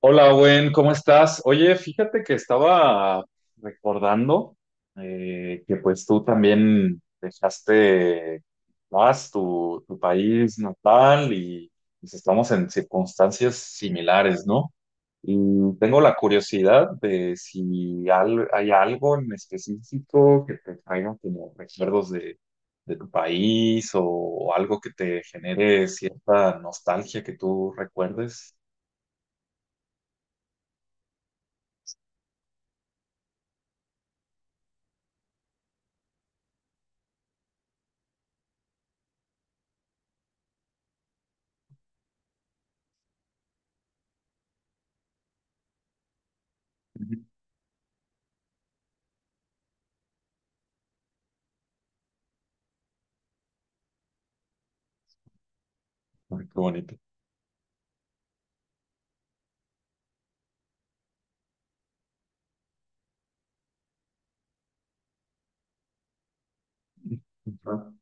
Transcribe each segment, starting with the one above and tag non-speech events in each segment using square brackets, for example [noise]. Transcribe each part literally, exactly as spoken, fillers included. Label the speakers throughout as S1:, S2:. S1: Hola, Owen, ¿cómo estás? Oye, fíjate que estaba recordando eh, que pues tú también dejaste más tu, tu país natal y pues, estamos en circunstancias similares, ¿no? Y tengo la curiosidad de si al- hay algo en específico que te traiga como recuerdos de, de tu país o, o algo que te genere cierta nostalgia que tú recuerdes. Ay, qué bonito. Ujú,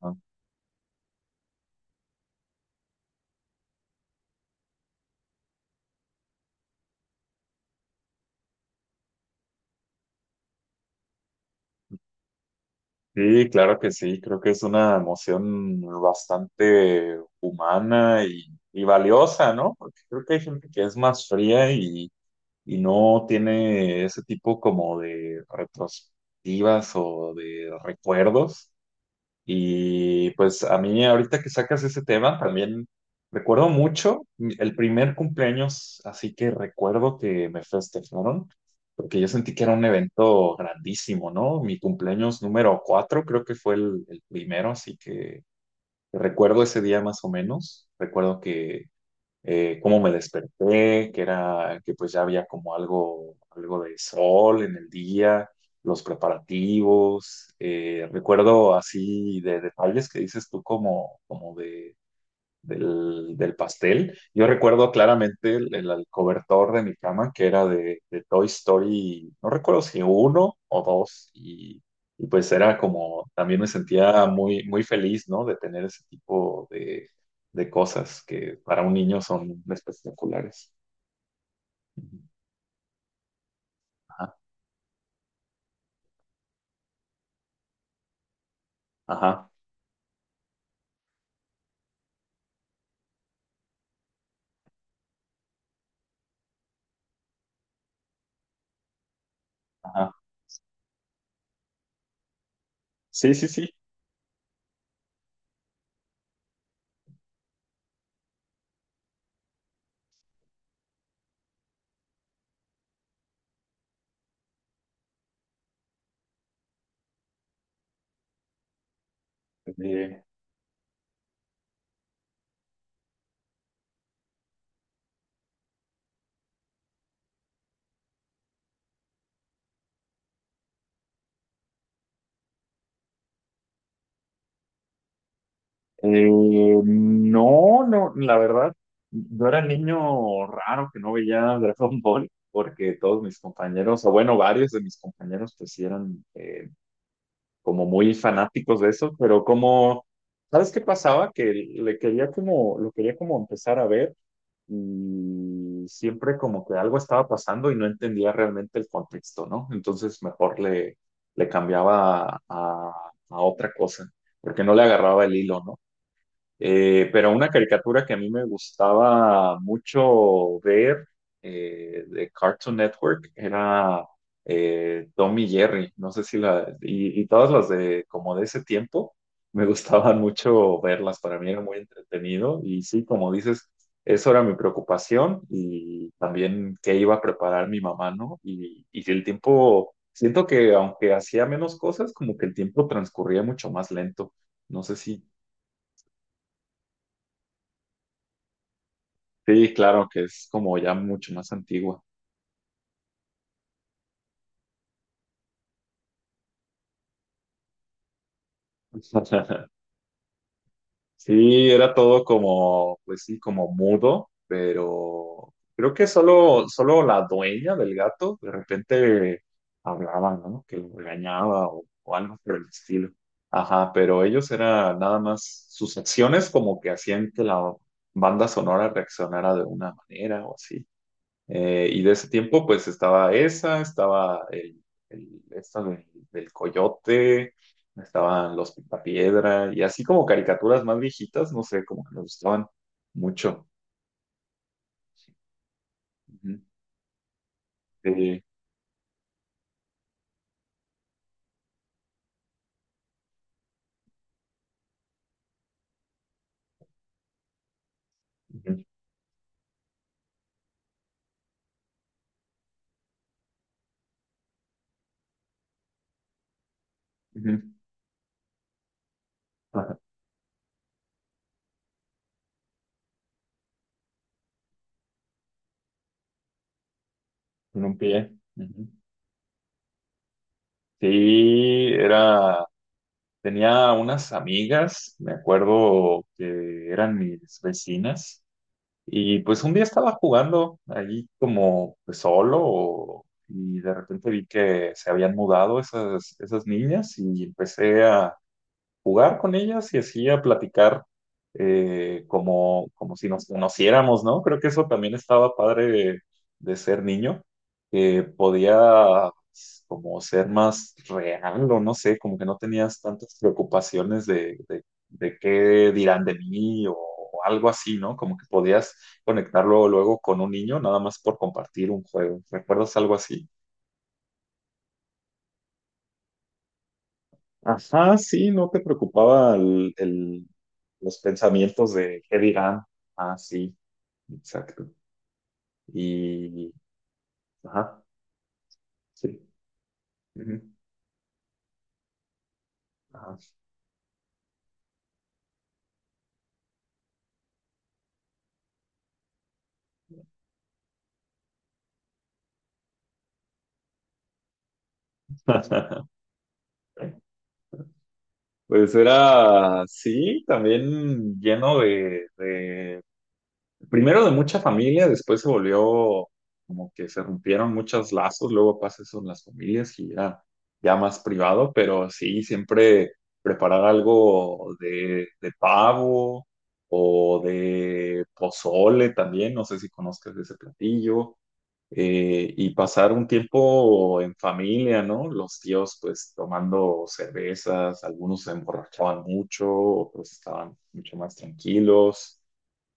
S1: ujú. Sí, claro que sí, creo que es una emoción bastante humana y, y valiosa, ¿no? Porque creo que hay gente que es más fría y, y no tiene ese tipo como de retrospectivas o de recuerdos. Y pues a mí ahorita que sacas ese tema, también recuerdo mucho el primer cumpleaños, así que recuerdo que me festejaron, porque yo sentí que era un evento grandísimo, ¿no? Mi cumpleaños número cuatro creo que fue el, el primero, así que recuerdo ese día más o menos. Recuerdo que eh, cómo me desperté, que era que pues ya había como algo, algo de sol en el día, los preparativos, eh, recuerdo así de detalles que dices tú como, como de del, del pastel. Yo recuerdo claramente el, el- el cobertor de mi cama que era de, de Toy Story, no recuerdo si uno o dos, y, y pues era como, también me sentía muy, muy feliz, ¿no? De tener ese tipo de, de cosas que para un niño son espectaculares. Ujú. Ajá, ajá, ajá. Sí, sí, sí. Eh, Eh, no, no, la verdad, yo era el niño raro que no veía Dragon Ball, porque todos mis compañeros, o bueno, varios de mis compañeros, pues sí eran eh, como muy fanáticos de eso, pero como, ¿sabes qué pasaba? Que le quería como, lo quería como empezar a ver y siempre como que algo estaba pasando y no entendía realmente el contexto, ¿no? Entonces mejor le, le cambiaba a, a a otra cosa, porque no le agarraba el hilo, ¿no? Eh, pero una caricatura que a mí me gustaba mucho ver eh, de Cartoon Network era eh, Tom y Jerry, no sé si la, y, y todas las de como de ese tiempo, me gustaban mucho verlas, para mí era muy entretenido y sí, como dices, eso era mi preocupación y también qué iba a preparar mi mamá, ¿no? Y, y el tiempo, siento que aunque hacía menos cosas, como que el tiempo transcurría mucho más lento. No sé si. Sí, claro, que es como ya mucho más antigua. [laughs] Sí, era todo como, pues sí, como mudo, pero creo que solo, solo la dueña del gato de repente hablaba, ¿no? Que lo regañaba o, o algo por el estilo. Ajá, pero ellos era nada más sus acciones como que hacían que la banda sonora reaccionara de una manera o así. Eh, y de ese tiempo, pues estaba esa, estaba el, el- esta de- del coyote, estaban los Picapiedra, y así como caricaturas más viejitas, no sé, como que me gustaban mucho. Ujú. Sí, ujú, ujú. Ajá, con un pie. Ujú. Sí, era, tenía unas amigas, me acuerdo que eran mis vecinas, y pues un día estaba jugando ahí como pues solo o- y de repente vi que se habían mudado esas, esas niñas y empecé a, jugar con ellas y así a platicar eh, como, como si nos conociéramos, ¿no? Creo que eso también estaba padre de, de ser niño, que podía pues, como ser más real o no sé, como que no tenías tantas preocupaciones de, de, de qué dirán de mí o, o algo así, ¿no? Como que podías conectarlo luego con un niño nada más por compartir un juego. ¿Recuerdas algo así? Ajá, sí, no te preocupaba el, el- los pensamientos de qué dirán. Ah, sí, exacto. Y, ajá, sí. Ujú, ajá. [laughs] Pues era, sí, también lleno de, de Primero de mucha familia, después se volvió como que se rompieron muchos lazos, luego pasa eso en las familias y era ya más privado, pero sí, siempre preparar algo de, de pavo o de pozole también, no sé si conozcas ese platillo, eh, y pasar un tiempo en familia, ¿no? Los tíos pues tomando cervezas, algunos se emborrachaban mucho, otros estaban mucho más tranquilos.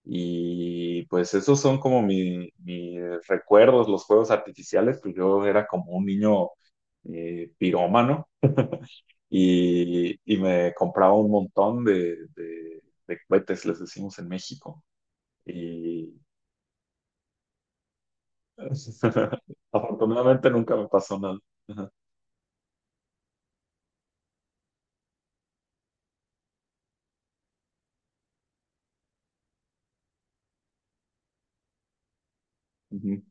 S1: Y pues esos son como mi- mis recuerdos, los juegos artificiales, pues yo era como un niño eh, pirómano y, y me compraba un montón de, de, de cohetes, les decimos en México. Y [laughs] afortunadamente nunca me pasó nada. Ajá. Ujú.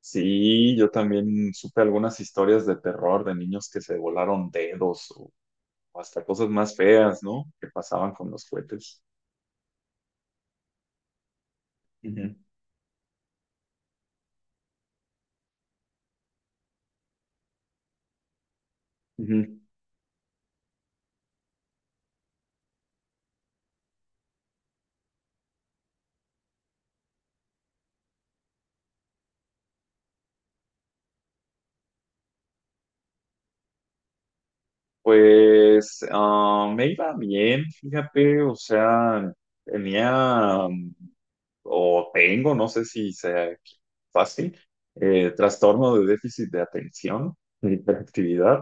S1: Sí, yo también supe algunas historias de terror de niños que se volaron dedos o o hasta cosas más feas, ¿no? Que pasaban con los cohetes. Ujú. Ujú. Pues ah, me iba bien, fíjate, o sea, tenía, mm, o tengo, no sé si sea fácil, eh, trastorno de déficit de atención, de hiperactividad.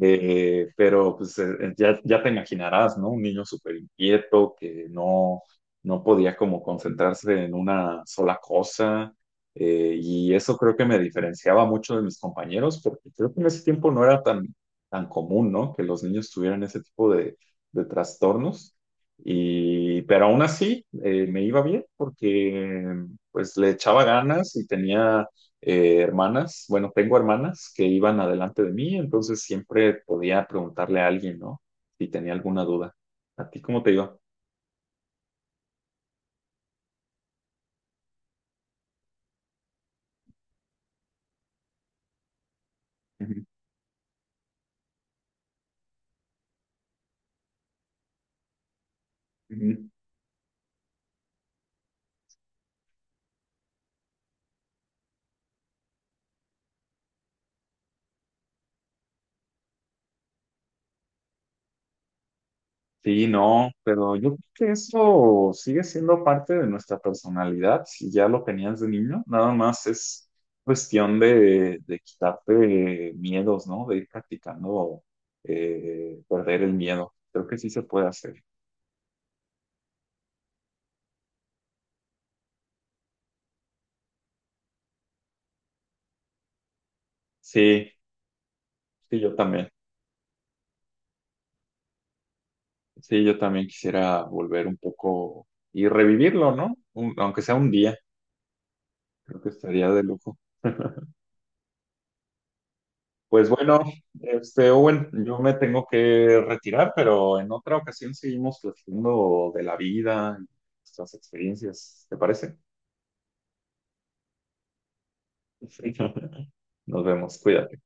S1: Eh, pero pues eh, eh, ya, ya te imaginarás, ¿no? Un niño súper inquieto que no, no podía como concentrarse en una sola cosa. Eh, y eso creo que me diferenciaba mucho de mis compañeros, porque creo que en ese tiempo no era tan, tan común, ¿no? Que los niños tuvieran ese tipo de, de trastornos. Y, pero aún así eh, me iba bien porque pues le echaba ganas y tenía eh, hermanas, bueno, tengo hermanas que iban adelante de mí, entonces siempre podía preguntarle a alguien, ¿no? Si tenía alguna duda. ¿A ti cómo te iba? Ujú, ujú. Sí, no, pero yo creo que eso sigue siendo parte de nuestra personalidad, si ya lo tenías de niño, nada más es cuestión de, de quitarte miedos, ¿no? De ir practicando eh, perder el miedo. Creo que sí se puede hacer. Sí, sí, yo también. Sí, yo también quisiera volver un poco y revivirlo, ¿no? Un- aunque sea un día, creo que estaría de lujo. [laughs] Pues bueno, este Owen, yo me tengo que retirar, pero en otra ocasión seguimos platicando de la vida y nuestras experiencias, ¿te parece? Sí. [laughs] Nos vemos, cuídate.